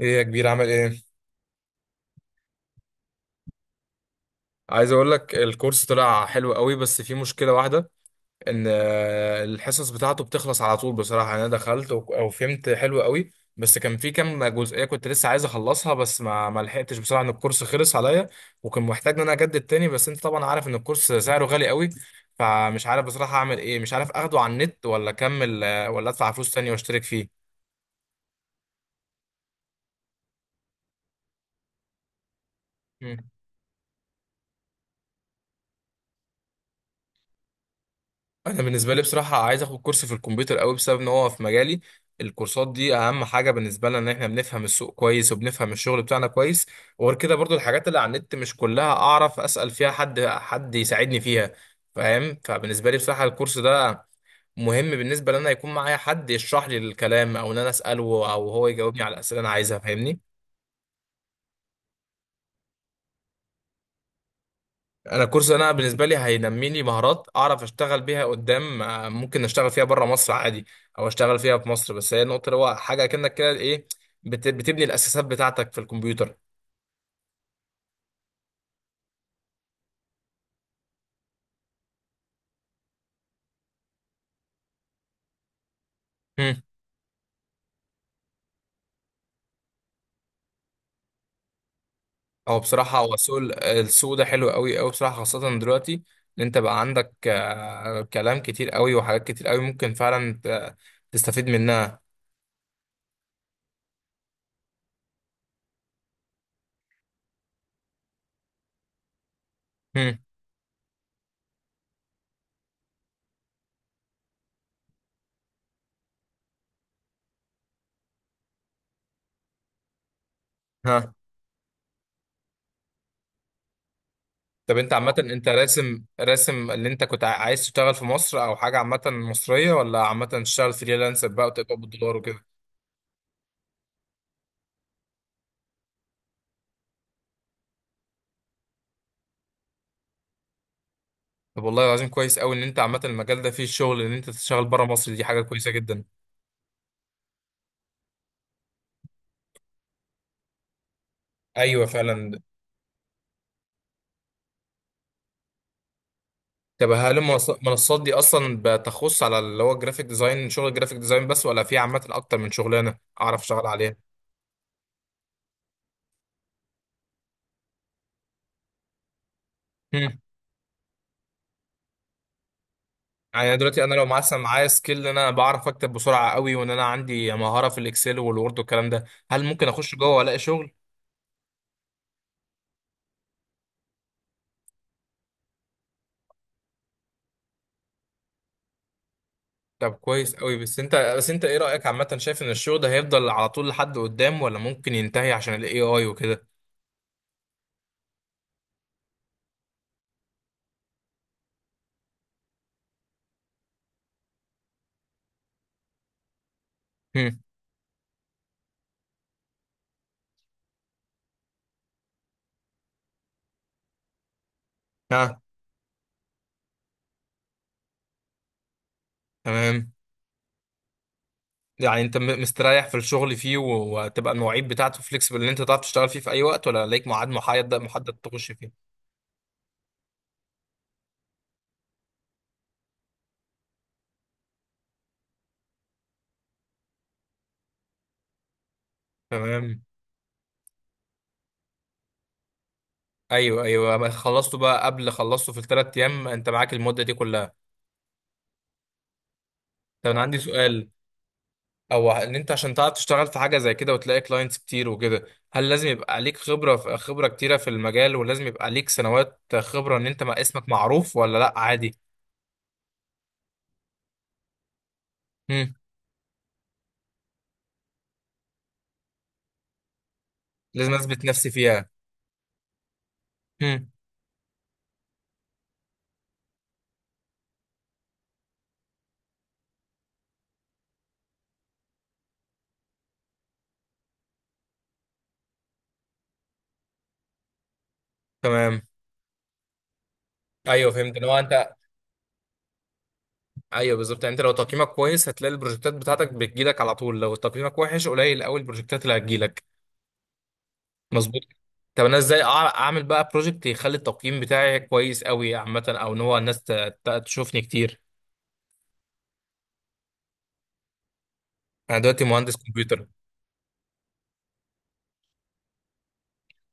ايه يا كبير عامل ايه؟ عايز اقول لك الكورس طلع حلو قوي، بس في مشكله واحده. ان الحصص بتاعته بتخلص على طول بصراحه. يعني انا دخلت وك- او فهمت حلو قوي، بس كان في كام جزئيه كنت لسه عايز اخلصها، بس ما لحقتش بصراحه ان الكورس خلص عليا، وكان محتاج ان انا اجدد تاني. بس انت طبعا عارف ان الكورس سعره غالي قوي، فمش عارف بصراحه اعمل ايه. مش عارف اخده على النت، ولا اكمل، ولا ادفع فلوس تانية واشترك فيه. انا بالنسبه لي بصراحه عايز اخد كورس في الكمبيوتر قوي، بسبب ان هو في مجالي. الكورسات دي اهم حاجه بالنسبه لنا، ان احنا بنفهم السوق كويس وبنفهم الشغل بتاعنا كويس. وغير كده برضو الحاجات اللي على النت مش كلها اعرف اسال فيها حد، حد يساعدني فيها. فاهم؟ فبالنسبه لي بصراحه الكورس ده مهم بالنسبه لي، ان انا يكون معايا حد يشرح لي الكلام، او ان انا اساله، او هو يجاوبني على الاسئله اللي انا عايزها. فاهمني؟ انا كورس انا بالنسبه لي هينمي لي مهارات اعرف اشتغل بيها قدام. ممكن اشتغل فيها بره مصر عادي، او اشتغل فيها في مصر. بس هي النقطه اللي هو حاجه كأنك كده ايه، بتبني الاساسات بتاعتك في الكمبيوتر. هم. او بصراحه هو السوق، السوق ده حلو قوي قوي بصراحه، خاصه دلوقتي ان انت بقى عندك كلام كتير قوي وحاجات كتير قوي ممكن فعلا تستفيد منها. هم. ها. طب انت عامة انت راسم اللي انت عايز تشتغل في مصر او حاجة عامة مصرية، ولا عامة تشتغل فريلانسر بقى وتقبض بالدولار وكده؟ طب والله العظيم كويس قوي ان انت عامة المجال ده فيه شغل ان انت تشتغل بره مصر، دي حاجة كويسة جدا. ايوه فعلا. طب هل المنصات دي اصلا بتخص على اللي هو الجرافيك ديزاين، شغل الجرافيك ديزاين بس، ولا في عامة اكتر من شغلانة اعرف اشتغل عليها؟ هم. يعني أنا دلوقتي انا لو مثلا معايا سكيل ان انا بعرف اكتب بسرعة قوي، وان انا عندي مهارة في الاكسل والوورد والكلام ده، هل ممكن اخش جوه والاقي شغل؟ طب كويس قوي. بس انت بس انت ايه رأيك عامة؟ شايف ان الشغل ده هيفضل على طول لحد قدام، ولا ممكن ينتهي عشان الاي اي وكده؟ هم. ها. تمام. يعني انت مستريح في الشغل فيه، وهتبقى المواعيد بتاعته فليكسبل ان انت تعرف تشتغل فيه في اي وقت، ولا ليك ميعاد محدد تخش فيه؟ تمام. ايوه ايوه، ما خلصته بقى قبل، خلصته في الثلاث ايام، انت معاك المدة دي كلها. طب انا عندي سؤال، او ان انت عشان تعرف تشتغل في حاجه زي كده وتلاقي كلاينتس كتير وكده، هل لازم يبقى عليك خبره، خبره كتيره في المجال، ولازم يبقى عليك سنوات خبره ان انت ما اسمك معروف، ولا لا عادي؟ هم. لازم اثبت نفسي فيها. هم. تمام. ايوه فهمت اللي هو انت. ايوه بالظبط، يعني انت لو تقييمك كويس هتلاقي البروجكتات بتاعتك بتجيلك على طول، لو تقييمك وحش قليل قوي البروجكتات اللي هتجيلك. مظبوط. طب انا ازاي اعمل بقى بروجكت يخلي التقييم بتاعي كويس قوي عامه، او ان هو الناس تشوفني كتير؟ انا دلوقتي مهندس كمبيوتر.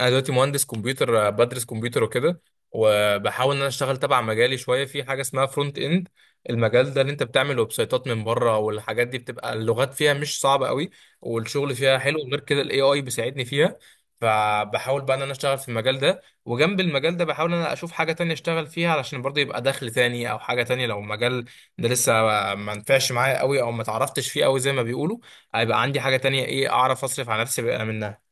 انا دلوقتي مهندس كمبيوتر. بدرس كمبيوتر وكده، وبحاول ان انا اشتغل تبع مجالي شويه في حاجه اسمها فرونت اند. المجال ده اللي انت بتعمل ويب سايتات من بره، والحاجات دي بتبقى اللغات فيها مش صعبه قوي، والشغل فيها حلو. غير كده الاي اي بيساعدني فيها. فبحاول بقى ان انا اشتغل في المجال ده، وجنب المجال ده بحاول ان انا اشوف حاجه تانية اشتغل فيها، علشان برضه يبقى دخل تاني، او حاجه تانية لو المجال ده لسه ما نفعش معايا قوي، او ما تعرفتش فيه قوي زي ما بيقولوا، هيبقى عندي حاجه تانية ايه اعرف اصرف على نفسي بقى منها.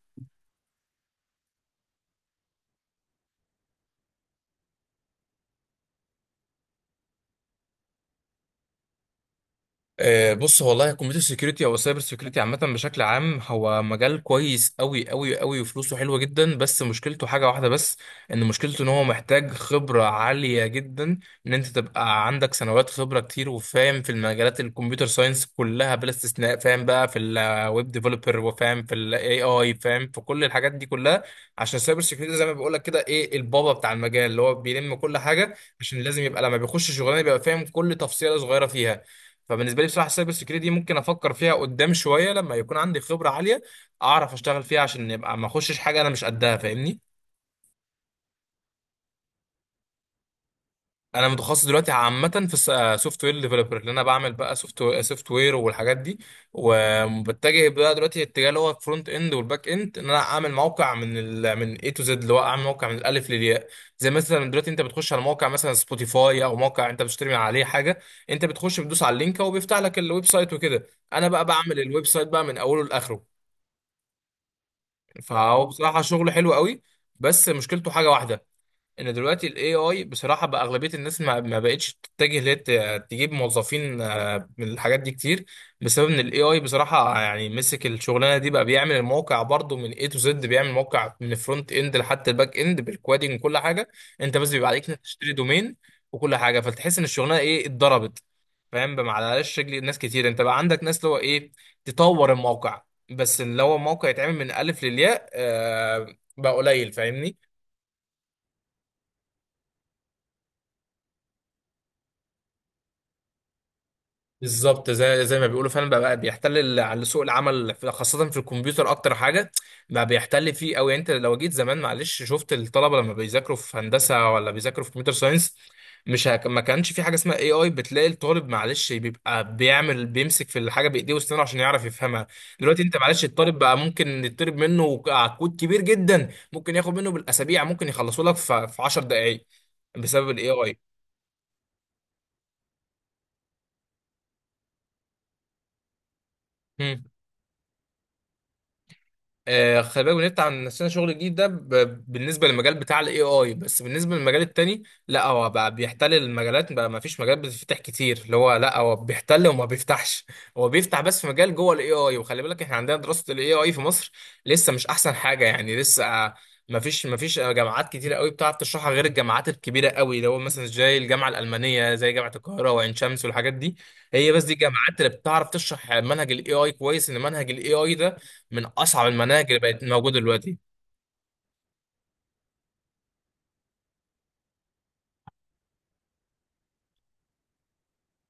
بص، هو والله الكمبيوتر سيكيورتي او السايبر سيكيورتي عامه بشكل عام هو مجال كويس قوي قوي قوي، وفلوسه حلوه جدا، بس مشكلته حاجه واحده بس، ان مشكلته ان هو محتاج خبره عاليه جدا، ان انت تبقى عندك سنوات خبره كتير وفاهم في المجالات الكمبيوتر ساينس كلها بلا استثناء. فاهم بقى في الويب ديفلوبر، وفاهم في الاي اي، فاهم في كل الحاجات دي كلها. عشان السايبر سيكيورتي زي ما بقول لك كده ايه، البابا بتاع المجال اللي هو بيلم كل حاجه، عشان لازم يبقى لما بيخش شغلانه بيبقى فاهم كل تفصيله صغيره فيها. فبالنسبه لي بصراحه السايبر سكيورتي دي ممكن افكر فيها قدام شويه لما يكون عندي خبره عاليه اعرف اشتغل فيها، عشان يبقى ما اخشش حاجه انا مش قدها. فاهمني؟ انا متخصص دلوقتي عامه في سوفت وير ديفلوبر، اللي انا بعمل بقى سوفت وير والحاجات دي. وبتجه بقى دلوقتي اتجاه اللي هو الفرونت اند والباك اند، ان انا اعمل موقع من اي تو زد، اللي هو اعمل موقع من الالف للياء. زي مثلا دلوقتي انت بتخش على موقع مثلا سبوتيفاي، او موقع انت بتشتري من عليه حاجه، انت بتخش بتدوس على اللينك وبيفتح لك الويب سايت وكده. انا بقى بعمل الويب سايت بقى من اوله لاخره. فهو بصراحة شغله حلو قوي، بس مشكلته حاجة واحدة، ان دلوقتي الاي اي بصراحه بقى اغلبيه الناس ما بقتش تتجه ليه تجيب موظفين، من الحاجات دي كتير. بسبب ان الاي اي بصراحه يعني مسك الشغلانه دي بقى، بيعمل الموقع برضو من اي تو زد، بيعمل موقع من الفرونت اند لحتى الباك اند بالكوادنج وكل حاجه. انت بس بيبقى عليك إنك تشتري دومين وكل حاجه، فتحس ان الشغلانه ايه، اتضربت. فاهم بقى؟ معلش رجل ناس كتير انت بقى عندك ناس اللي هو ايه، تطور الموقع، بس اللي هو موقع يتعمل من الف للياء آه بقى قليل. فاهمني؟ بالظبط. زي ما بيقولوا فعلا، بقى بيحتل على سوق العمل خاصة في الكمبيوتر أكتر حاجة. بقى بيحتل فيه أوي يعني. أنت لو جيت زمان معلش شفت الطلبة لما بيذاكروا في هندسة، ولا بيذاكروا في كمبيوتر ساينس، مش هك... ما كانش في حاجة اسمها اي اي. بتلاقي الطالب معلش بيبقى بيعمل بيمسك في الحاجة بإيديه وأسنانه عشان يعرف يفهمها. دلوقتي أنت معلش الطالب بقى ممكن يطلب منه كود كبير جدا ممكن ياخد منه بالأسابيع، ممكن يخلصه لك في 10 دقايق، بسبب الاي اي. خلي بالك بنفتح عن نفسنا شغل جديد ده، بالنسبه للمجال بتاع الاي اي، بس بالنسبه للمجال التاني لا، هو بقى بيحتل المجالات بقى. ما فيش مجال بتفتح كتير اللي هو، لا هو بيحتل وما بيفتحش. هو بيفتح بس في مجال جوه الاي اي. وخلي بالك احنا عندنا دراسه الاي اي في مصر لسه مش احسن حاجه، يعني لسه. ما فيش جامعات كتيره قوي بتعرف تشرحها غير الجامعات الكبيره قوي اللي هو مثلا زي الجامعه الالمانيه، زي جامعه القاهره وعين شمس والحاجات دي. هي بس دي الجامعات اللي بتعرف تشرح منهج الاي اي كويس، ان منهج الاي اي ده من اصعب المناهج اللي بقت موجوده دلوقتي.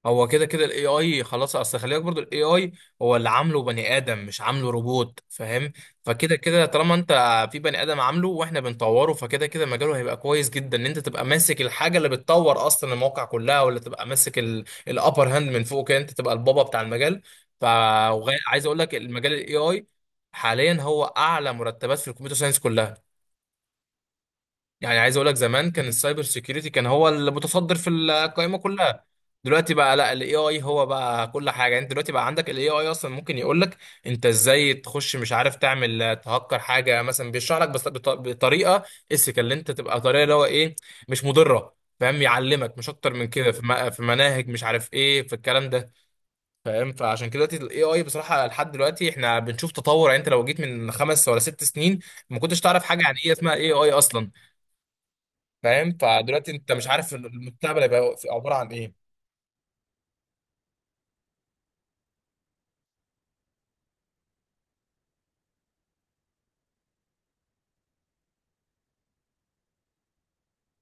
هو كده كده الاي اي خلاص. اصل خلي بالك برضه الاي اي هو اللي عامله بني ادم، مش عامله روبوت. فاهم؟ فكده كده طالما انت في بني ادم عامله واحنا بنطوره، فكده كده مجاله هيبقى كويس جدا، ان انت تبقى ماسك الحاجه اللي بتطور اصلا المواقع كلها، ولا تبقى ماسك الابر هاند من فوق كده، انت تبقى البابا بتاع المجال. ف عايز اقول لك المجال الاي اي حاليا هو اعلى مرتبات في الكمبيوتر ساينس كلها. يعني عايز اقول لك زمان كان السايبر سيكيورتي كان هو المتصدر في القائمه كلها، دلوقتي بقى لا، الاي اي هو بقى كل حاجه. يعني انت دلوقتي بقى عندك الاي اي اصلا ممكن يقول لك انت ازاي تخش مش عارف تعمل تهكر حاجه مثلا، بيشرح لك بس بطريقه اسك، اللي انت تبقى طريقه اللي هو ايه، مش مضره. فاهم؟ يعلمك مش اكتر من كده، في مناهج مش عارف ايه في الكلام ده. فاهم؟ فعشان كده دلوقتي الاي اي بصراحه لحد دلوقتي احنا بنشوف تطور. يعني انت لو جيت من 5 ولا 6 سنين ما كنتش تعرف حاجه عن ايه اسمها اي اي اصلا. فاهم؟ فدلوقتي انت مش عارف المستقبل هيبقى عباره عن ايه.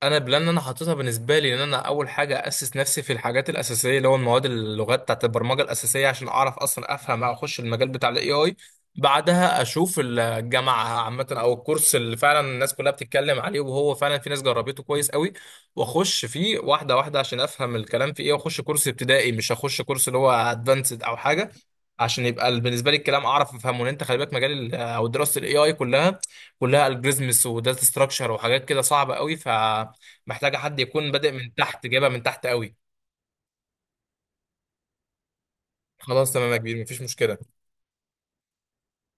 انا بلان انا حاططها بالنسبه لي ان انا اول حاجه اسس نفسي في الحاجات الاساسيه اللي هو المواد، اللغات بتاعت البرمجه الاساسيه، عشان اعرف اصلا افهم او اخش المجال بتاع الاي اي. بعدها اشوف الجامعه عامه او الكورس اللي فعلا الناس كلها بتتكلم عليه، وهو فعلا في ناس جربته كويس قوي، واخش فيه واحده واحده عشان افهم الكلام في ايه. واخش كورس ابتدائي، مش هخش كورس اللي هو ادفانسد او حاجه، عشان يبقى بالنسبه لي الكلام اعرف افهمه. لان انت خلي بالك مجال ال- او دراسه الاي اي كلها، كلها الجوريزمز وداتا ستراكشر وحاجات كده صعبه قوي، ف محتاجه حد يكون بادئ من تحت، جايبها من تحت قوي. خلاص تمام يا كبير، مفيش مشكله.